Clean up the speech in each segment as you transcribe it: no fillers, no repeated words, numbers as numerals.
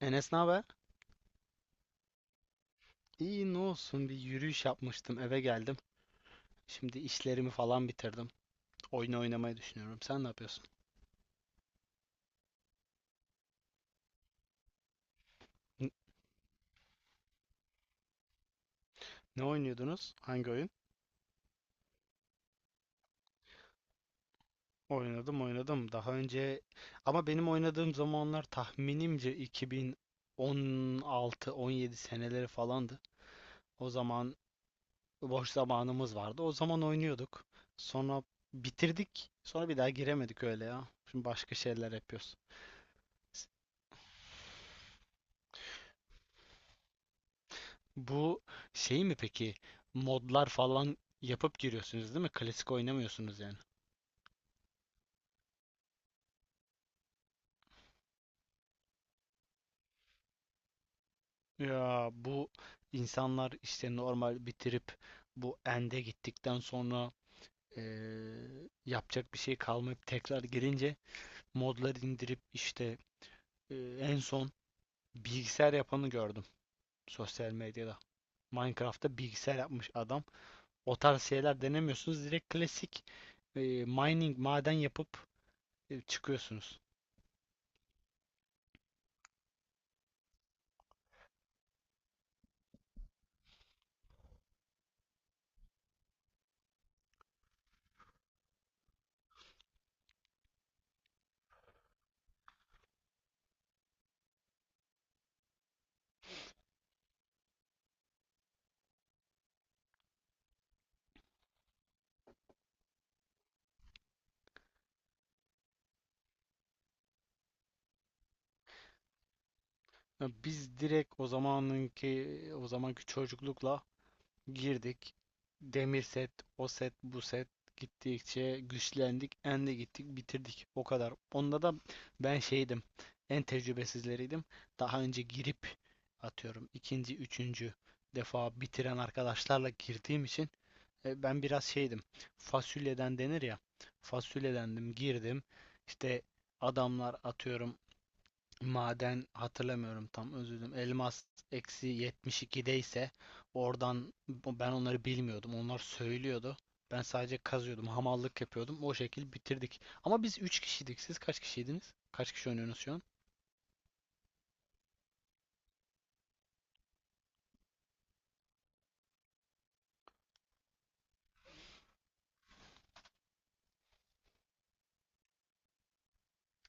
Enes ne haber? İyi ne olsun, bir yürüyüş yapmıştım, eve geldim. Şimdi işlerimi falan bitirdim. Oyun oynamayı düşünüyorum. Sen ne yapıyorsun? N- Ne oynuyordunuz? Hangi oyun? Oynadım, oynadım. Daha önce, ama benim oynadığım zamanlar tahminimce 2016-17 seneleri falandı. O zaman boş zamanımız vardı. O zaman oynuyorduk. Sonra bitirdik. Sonra bir daha giremedik, öyle ya. Şimdi başka şeyler yapıyoruz. Bu şey mi peki? Modlar falan yapıp giriyorsunuz, değil mi? Klasik oynamıyorsunuz yani. Ya bu insanlar işte normal bitirip bu end'e gittikten sonra yapacak bir şey kalmayıp tekrar girince modları indirip işte en son bilgisayar yapanı gördüm sosyal medyada. Minecraft'ta bilgisayar yapmış adam. O tarz şeyler denemiyorsunuz. Direkt klasik mining maden yapıp çıkıyorsunuz. Ya biz direkt o zamanki çocuklukla girdik. Demir set, o set, bu set, gittikçe güçlendik, endi gittik, bitirdik. O kadar. Onda da ben şeydim. En tecrübesizleriydim. Daha önce girip atıyorum ikinci, üçüncü defa bitiren arkadaşlarla girdiğim için ben biraz şeydim. Fasulyeden denir ya. Fasulyedendim, girdim. İşte adamlar atıyorum maden hatırlamıyorum tam, özür dilerim. Elmas eksi 72'de ise, oradan ben onları bilmiyordum. Onlar söylüyordu. Ben sadece kazıyordum. Hamallık yapıyordum. O şekil bitirdik. Ama biz 3 kişiydik. Siz kaç kişiydiniz? Kaç kişi oynuyorsunuz şu an?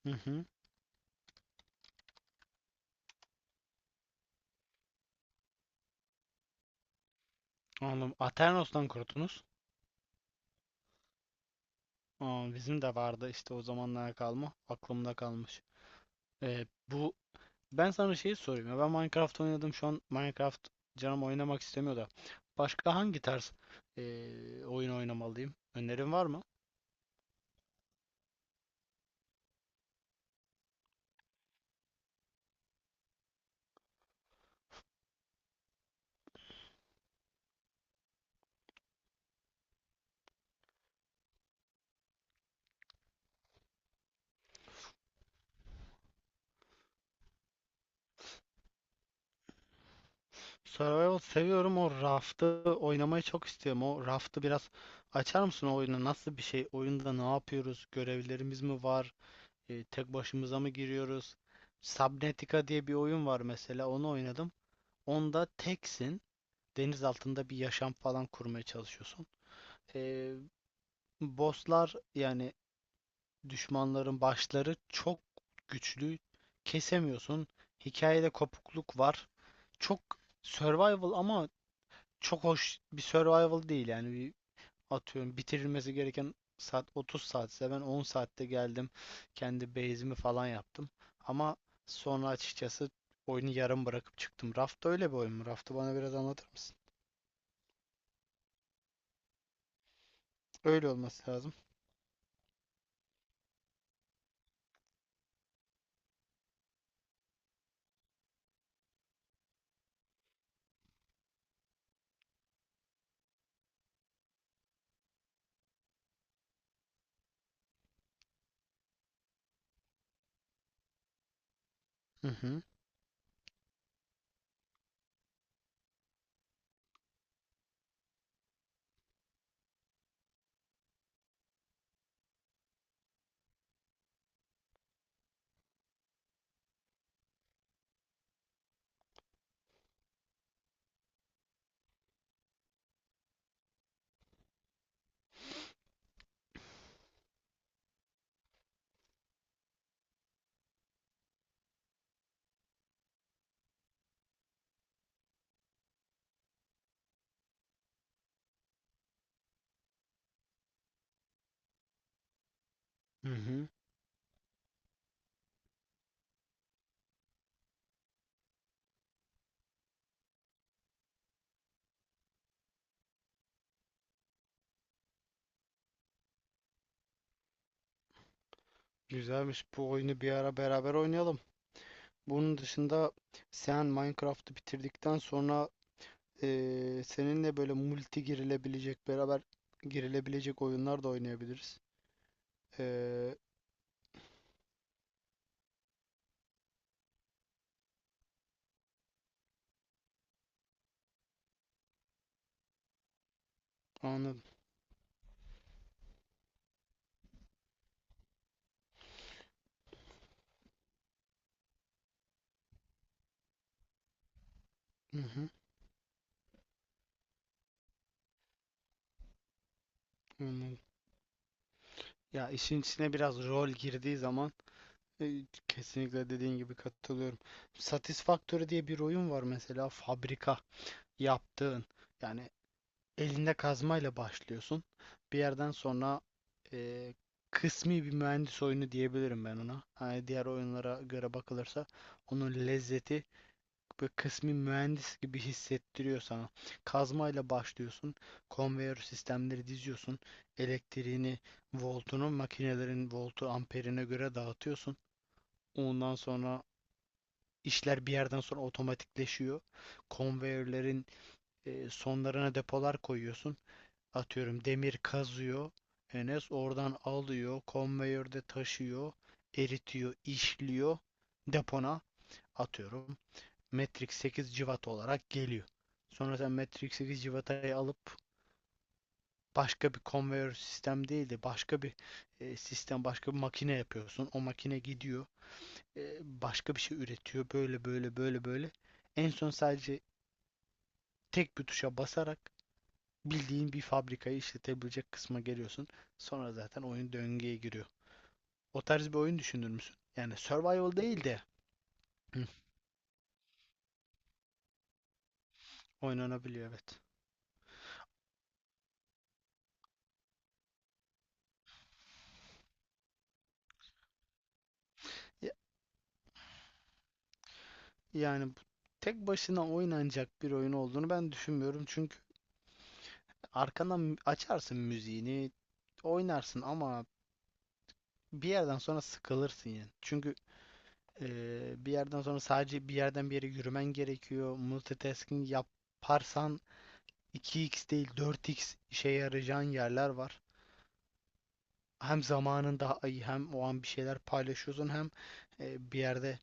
Hı hı. Anladım. Aternos'tan kurtunuz. Aa, bizim de vardı işte, o zamanlara kalma. Aklımda kalmış. Bu Ben sana şeyi sorayım ya. Ben Minecraft oynadım. Şu an Minecraft canım oynamak istemiyor da. Başka hangi tarz oyun oynamalıyım? Önerin var mı? Survival seviyorum. O Raft'ı oynamayı çok istiyorum. O Raft'ı biraz açar mısın, o oyunu? Nasıl bir şey? Oyunda ne yapıyoruz? Görevlerimiz mi var? Tek başımıza mı giriyoruz? Subnautica diye bir oyun var mesela. Onu oynadım. Onda teksin. Deniz altında bir yaşam falan kurmaya çalışıyorsun. Eee Bosslar yani, düşmanların başları çok güçlü. Kesemiyorsun. Hikayede kopukluk var. Çok survival ama çok hoş bir survival değil yani. Bir atıyorum, bitirilmesi gereken saat 30 saatse ben 10 saatte geldim. Kendi base'imi falan yaptım. Ama sonra açıkçası oyunu yarım bırakıp çıktım. Raft öyle bir oyun mu? Raft'ı bana biraz anlatır mısın? Öyle olması lazım. Hı hı. Hı hı. Güzelmiş. Bu oyunu bir ara beraber oynayalım. Bunun dışında, sen Minecraft'ı bitirdikten sonra seninle böyle multi girilebilecek, beraber girilebilecek oyunlar da oynayabiliriz. Eee Anladım. Hı hı, anladım. Ya işin içine biraz rol girdiği zaman e, kesinlikle dediğin gibi katılıyorum. Satisfactory diye bir oyun var mesela, fabrika yaptığın. Yani elinde kazmayla başlıyorsun. Bir yerden sonra eee, kısmi bir mühendis oyunu diyebilirim ben ona. Hani diğer oyunlara göre bakılırsa, onun lezzeti böyle kısmi mühendis gibi hissettiriyor sana. Kazmayla başlıyorsun. Konveyör sistemleri diziyorsun. Elektriğini, voltunu, makinelerin voltu, amperine göre dağıtıyorsun. Ondan sonra işler bir yerden sonra otomatikleşiyor. Konveyörlerin sonlarına depolar koyuyorsun. Atıyorum demir kazıyor. Enes oradan alıyor, konveyörde taşıyor, eritiyor, işliyor, depona atıyorum. Matrix 8 cıvat olarak geliyor. Sonra sen Matrix 8 cıvatayı alıp başka bir konveyör sistem değil de başka bir sistem, başka bir makine yapıyorsun. O makine gidiyor, başka bir şey üretiyor. Böyle böyle böyle böyle. En son sadece tek bir tuşa basarak bildiğin bir fabrikayı işletebilecek kısma geliyorsun. Sonra zaten oyun döngüye giriyor. O tarz bir oyun düşünür müsün? Yani survival değil de oynanabiliyor, evet. Ya- Yani bu tek başına oynanacak bir oyun olduğunu ben düşünmüyorum. Çünkü arkadan açarsın müziğini, oynarsın ama bir yerden sonra sıkılırsın yani. Çünkü bir yerden sonra sadece bir yerden bir yere yürümen gerekiyor. Multitasking yaparsan 2x değil 4x işe yarayacağın yerler var. Hem zamanında hem o an bir şeyler paylaşıyorsun, hem bir yerde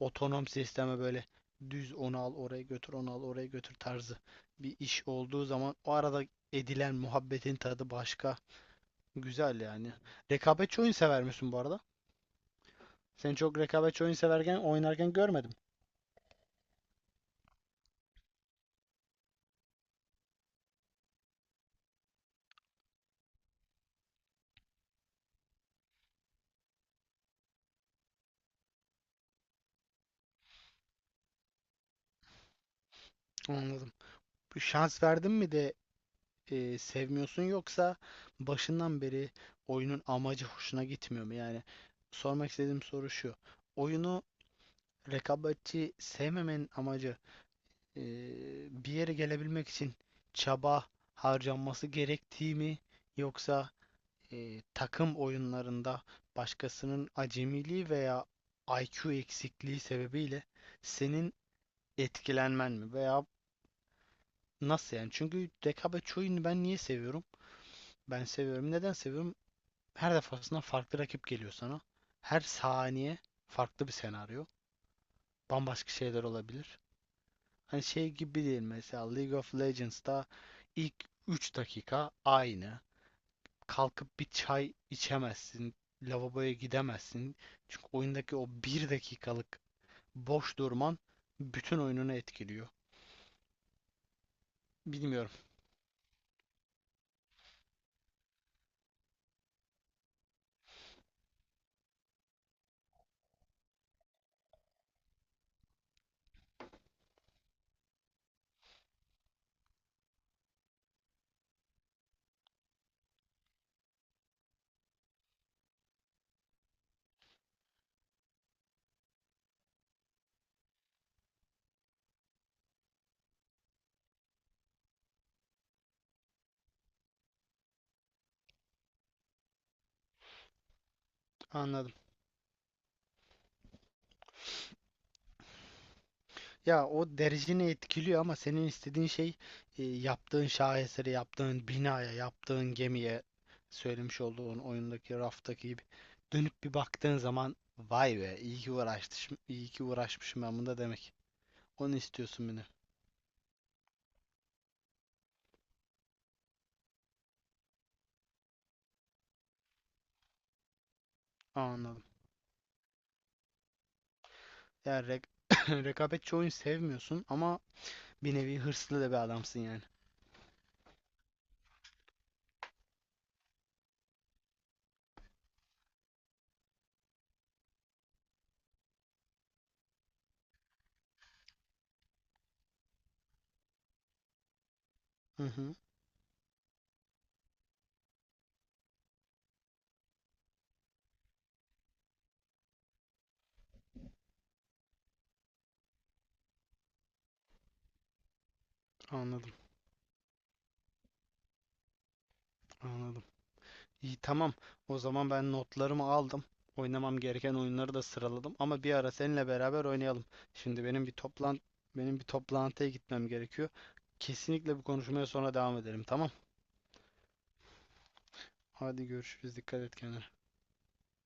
otonom sisteme böyle düz onu al oraya götür, onu al oraya götür tarzı bir iş olduğu zaman, o arada edilen muhabbetin tadı başka. Güzel yani. Rekabetçi oyun sever misin bu arada? Seni çok rekabetçi oyun severken oynarken görmedim. Anladım. Bu şans verdin mi de sevmiyorsun, yoksa başından beri oyunun amacı hoşuna gitmiyor mu? Yani sormak istediğim soru şu. Oyunu rekabetçi sevmemenin amacı e, bir yere gelebilmek için çaba harcanması gerektiği mi, yoksa takım oyunlarında başkasının acemiliği veya IQ eksikliği sebebiyle senin etkilenmen mi, veya nasıl yani? Çünkü rekabetçi oyunu ben niye seviyorum? Ben seviyorum. Neden seviyorum? Her defasında farklı rakip geliyor sana. Her saniye farklı bir senaryo. Bambaşka şeyler olabilir. Hani şey gibi değil, mesela League of Legends'ta ilk 3 dakika aynı. Kalkıp bir çay içemezsin, lavaboya gidemezsin. Çünkü oyundaki o bir dakikalık boş durman bütün oyununu etkiliyor. Bilmiyorum. Anladım. Ya o dereceni etkiliyor ama senin istediğin şey yaptığın şaheseri, yaptığın binaya, yaptığın gemiye, söylemiş olduğun oyundaki raftaki gibi dönüp bir baktığın zaman vay be, iyi ki uğraşmışım, iyi ki uğraşmışım ben bunda demek. Onu istiyorsun beni. Anladım. Yani rekabetçi oyun sevmiyorsun ama bir nevi hırslı da bir adamsın yani. Hı hı, anladım, anladım. İyi, tamam. O zaman ben notlarımı aldım. Oynamam gereken oyunları da sıraladım ama bir ara seninle beraber oynayalım. Şimdi benim bir toplantıya gitmem gerekiyor. Kesinlikle bu konuşmaya sonra devam edelim. Tamam. Hadi görüşürüz. Dikkat et kendine.